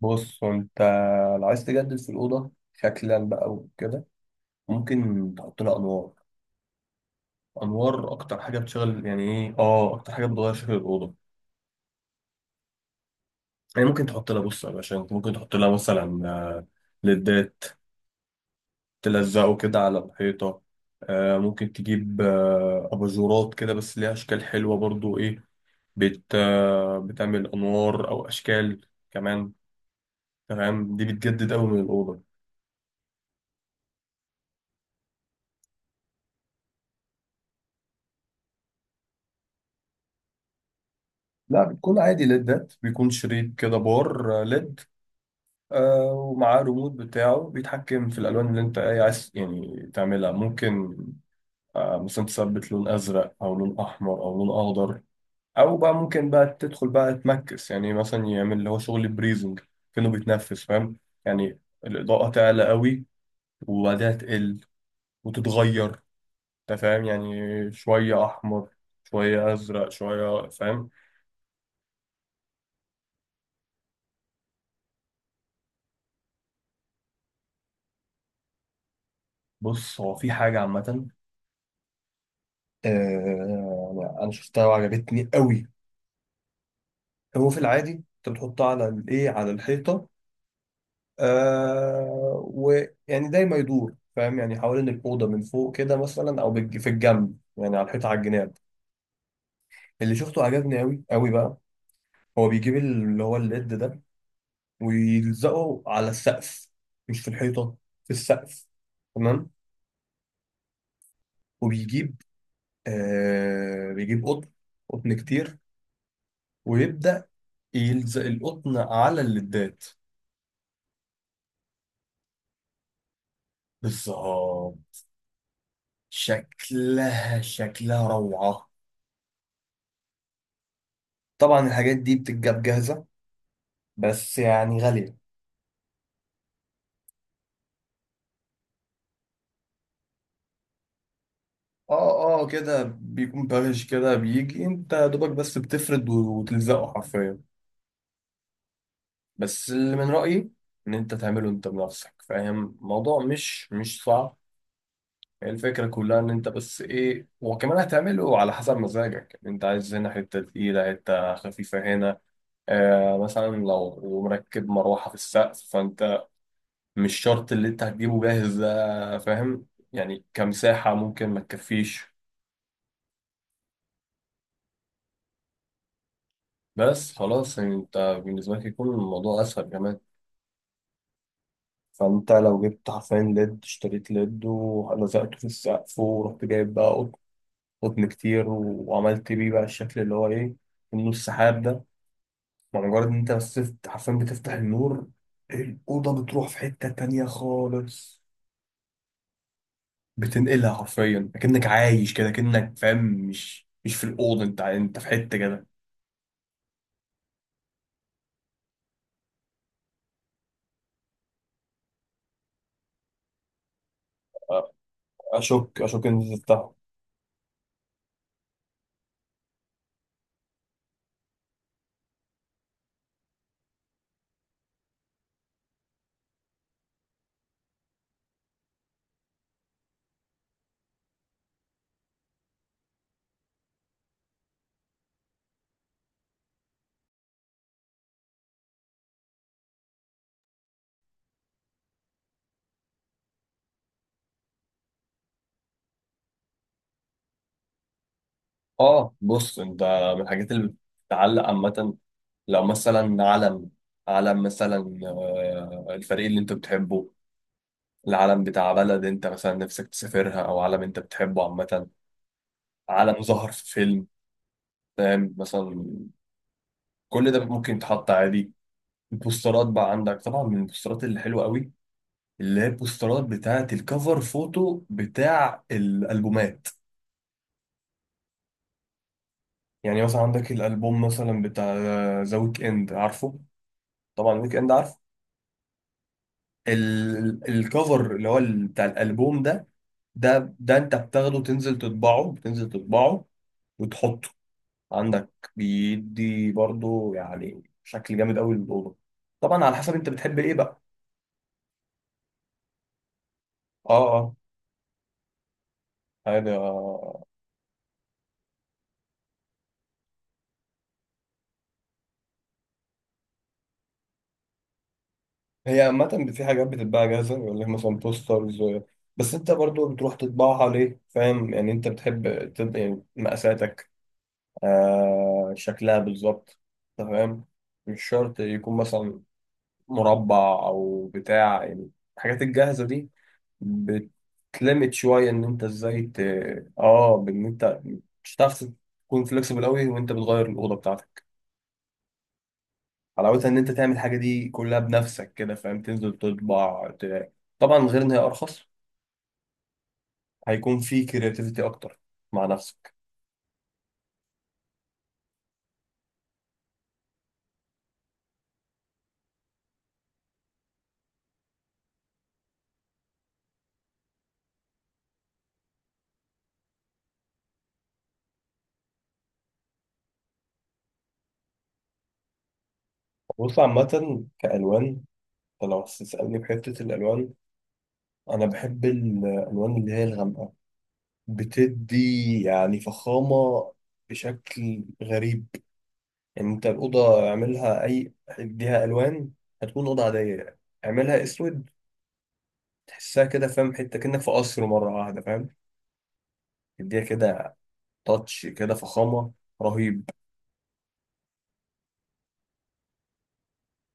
بص انت لو عايز تجدد في الأوضة شكلا بقى وكده، ممكن تحط لها أنوار. أنوار أكتر حاجة بتشغل، يعني إيه، أكتر حاجة بتغير شكل الأوضة. يعني ممكن تحط لها بص يا باشا، انت ممكن تحط لها مثلا، ليدات تلزقه كده على الحيطة. ممكن تجيب، أباجورات كده، بس ليها أشكال حلوة برضو. إيه، بت آه، بتعمل أنوار أو أشكال كمان. تمام، دي بتجدد أوي من الأوضة. لا، بتكون عادي ليدات، بيكون شريط كده، بار ليد، ومعاه ريموت بتاعه بيتحكم في الألوان اللي أنت إيه عايز يعني تعملها. ممكن مثلا تثبت لون أزرق أو لون أحمر أو لون أخضر. أو بقى ممكن بقى تدخل بقى تمكس، يعني مثلا يعمل اللي هو شغل بريزنج، كأنه بيتنفس، فاهم يعني؟ الإضاءة تعلى قوي وبعدها تقل وتتغير، أنت فاهم؟ يعني شوية أحمر شوية أزرق شوية، فاهم؟ بص، هو في حاجة عامة، آه، أنا شفتها وعجبتني قوي. هو في العادي انت بتحطها على الايه على الحيطه، ويعني دايما يدور، فاهم يعني؟ حوالين الاوضه من فوق كده مثلا، او في الجنب، يعني على الحيطه، على الجناب. اللي شفته عجبني قوي قوي بقى. هو بيجيب اللي هو الليد ده ويلزقه على السقف، مش في الحيطه، في السقف، تمام. وبيجيب، بيجيب قطن، قطن كتير، ويبدا يلزق القطن على الليدات. بالظبط، شكلها شكلها روعة. طبعا الحاجات دي بتتجاب جاهزة، بس يعني غالية. اه اه، كده بيكون بارش، كده بيجي انت يا دوبك بس بتفرد وتلزقه حرفيا. بس اللي من رأيي ان انت تعمله انت بنفسك، فاهم؟ الموضوع مش صعب. هي الفكرة كلها ان انت بس ايه، وكمان هتعمله على حسب مزاجك، انت عايز هنا حتة تقيلة، حتة خفيفة هنا. مثلا لو مركب مروحة في السقف، فانت مش شرط اللي انت هتجيبه جاهز ده، فاهم؟ يعني كمساحة ممكن ما تكفيش. بس خلاص، يعني انت بالنسبة لك يكون الموضوع اسهل كمان. فانت لو جبت حرفيا ليد، اشتريت ليد ولزقته في السقف، ورحت جايب بقى قطن كتير، وعملت بيه بقى الشكل اللي هو ايه، النور السحاب ده. مع مجرد ان انت بس حرفيا بتفتح النور، الأوضة بتروح في حتة تانية خالص، بتنقلها حرفيا، كأنك عايش كده، كأنك، فاهم؟ مش في الأوضة، انت انت في حتة كده. اشك ان انت تفتحه. اه، بص انت، من الحاجات اللي بتتعلق عامه، لو مثلا علم، علم مثلا، الفريق اللي انت بتحبه، العلم بتاع بلد انت مثلا نفسك تسافرها، او علم انت بتحبه عامه، علم ظهر في فيلم، فاهم مثلا؟ كل ده ممكن يتحط عادي. البوسترات بقى عندك طبعا، من البوسترات اللي حلوه قوي، اللي هي البوسترات بتاعه الكفر فوتو بتاع الالبومات. يعني مثلا عندك الالبوم مثلا بتاع ذا ويك اند، عارفه طبعا؟ ويك اند عارف. الكفر اللي هو بتاع الالبوم ده، ده انت بتاخده تنزل تطبعه، بتنزل تطبعه وتحطه عندك بيدي برضو، يعني شكل جامد قوي للاوضه. طبعا على حسب انت بتحب ايه بقى. اه اه، عادي. آه. آه. هي عامة في حاجات بتتباع جاهزة، يقول لك مثلا بوسترز، بس انت برضو بتروح تطبعها ليه، فاهم يعني؟ انت بتحب يعني مقاساتك، شكلها بالظبط، أنت فاهم؟ مش شرط يكون مثلا مربع او بتاع يعني، الحاجات الجاهزه دي بتلمت شويه ان انت ازاي اه، بان انت مش هتعرف تكون فليكسبل قوي وانت بتغير الاوضه بتاعتك. حلاوتها ان انت تعمل الحاجه دي كلها بنفسك كده، فاهم؟ تنزل تطبع طبعا غير ان هي ارخص. هيكون في كرياتيفيتي اكتر مع نفسك. بص عامه كالوان، أنت لو هتسالني في حته الالوان، انا بحب الالوان اللي هي الغامقه، بتدي يعني فخامة بشكل غريب. يعني انت الأوضة اعملها أي اديها ألوان، هتكون أوضة عادية. اعملها أسود، تحسها كده، فاهم؟ حتة كأنك في قصر مرة واحدة، فاهم؟ اديها كده تاتش كده، فخامة رهيب.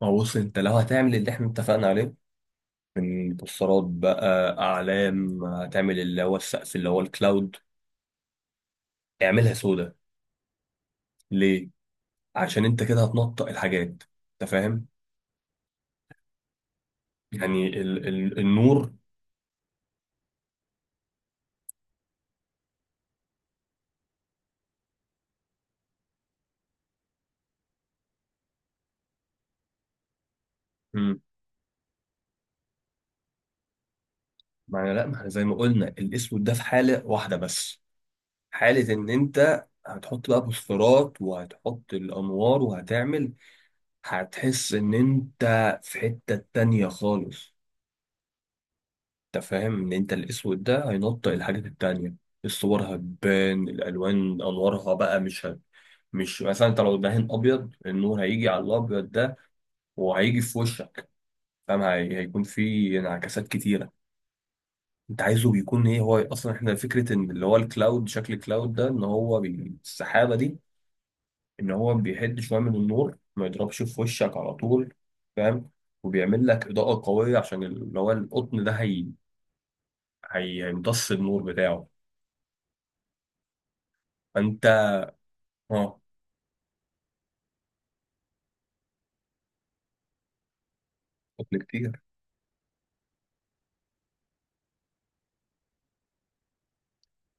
ما هو بص انت لو هتعمل اللي احنا اتفقنا عليه، من بوسترات بقى، أعلام، هتعمل اللي هو السقف اللي هو الكلاود، اعملها سودا. ليه؟ عشان انت كده هتنطق الحاجات، انت فاهم؟ يعني ال النور. ما انا، لا، ما احنا زي ما قلنا الاسود ده في حالة واحدة بس، حالة ان انت هتحط بقى بوسترات وهتحط الانوار وهتعمل، هتحس ان انت في حتة تانية خالص. انت فاهم ان انت الاسود ده هينطق الحاجات التانية، الصور هتبان، الالوان، انوارها بقى مش مش مثلا، انت لو دهن ابيض، النور هيجي على الابيض ده وهيجي في وشك، فاهم؟ هيكون في انعكاسات كتيرة. انت عايزه بيكون ايه؟ هو اصلا احنا فكره ان اللي هو الكلاود، شكل الكلاود ده، ان هو السحابه دي، ان هو بيحد شويه من النور، ما يضربش في وشك على طول، فاهم؟ وبيعمل لك اضاءه قويه، عشان اللي هو القطن ده هيمتص النور بتاعه، فانت. اه، قطن كتير.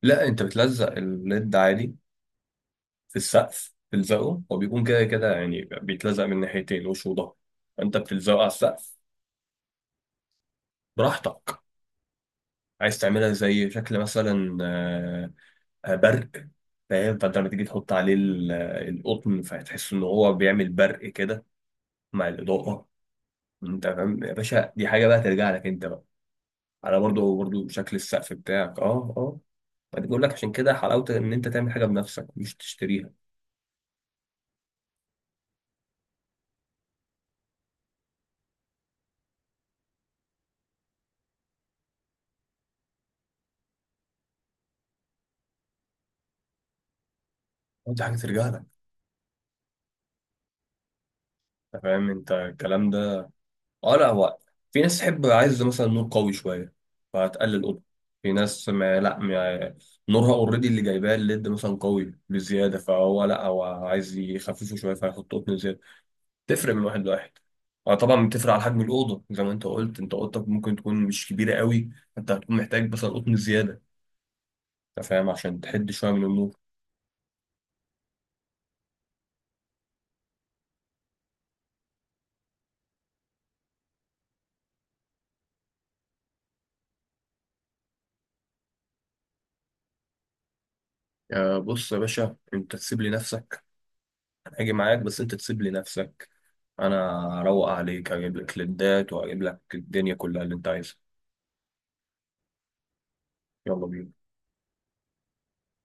لا، انت بتلزق الليد عادي في السقف، بتلزقه، هو بيكون كده كده يعني، بيتلزق من ناحيتين، وش وظهر. فانت بتلزقه على السقف، براحتك. عايز تعملها زي شكل مثلا، برق، فاهم؟ فانت لما تيجي تحط عليه القطن، فهتحس ان هو بيعمل برق كده مع الاضاءه. انت فاهم يا باشا؟ دي حاجه بقى ترجع لك انت بقى، على برضه برضه شكل السقف بتاعك. اه اه، فدي بقول لك عشان كده حلاوه ان انت تعمل حاجه بنفسك مش تشتريها. دي حاجه ترجع لك، انت فاهم انت الكلام ده؟ اه، لا، هو في ناس تحب، عايز مثلا نور قوي شويه، فهتقلل اوضه. في ناس ما لا، ما نورها اوريدي اللي جايباه الليد مثلا قوي بزياده، فهو لا هو عايز يخففه شويه، فيحط قطن زياده. تفرق من واحد لواحد. اه طبعا، بتفرق على حجم الاوضه زي ما انت قلت، انت اوضتك ممكن تكون مش كبيره قوي، انت هتكون محتاج مثلا قطن زياده، انت فاهم، عشان تحد شويه من النور. بص يا باشا، انت تسيب لي نفسك، انا هاجي معاك، بس انت تسيب لي نفسك. انا اروق عليك، اجيب لك ليدات، واجيب لك الدنيا كلها اللي انت عايزها. يلا بينا.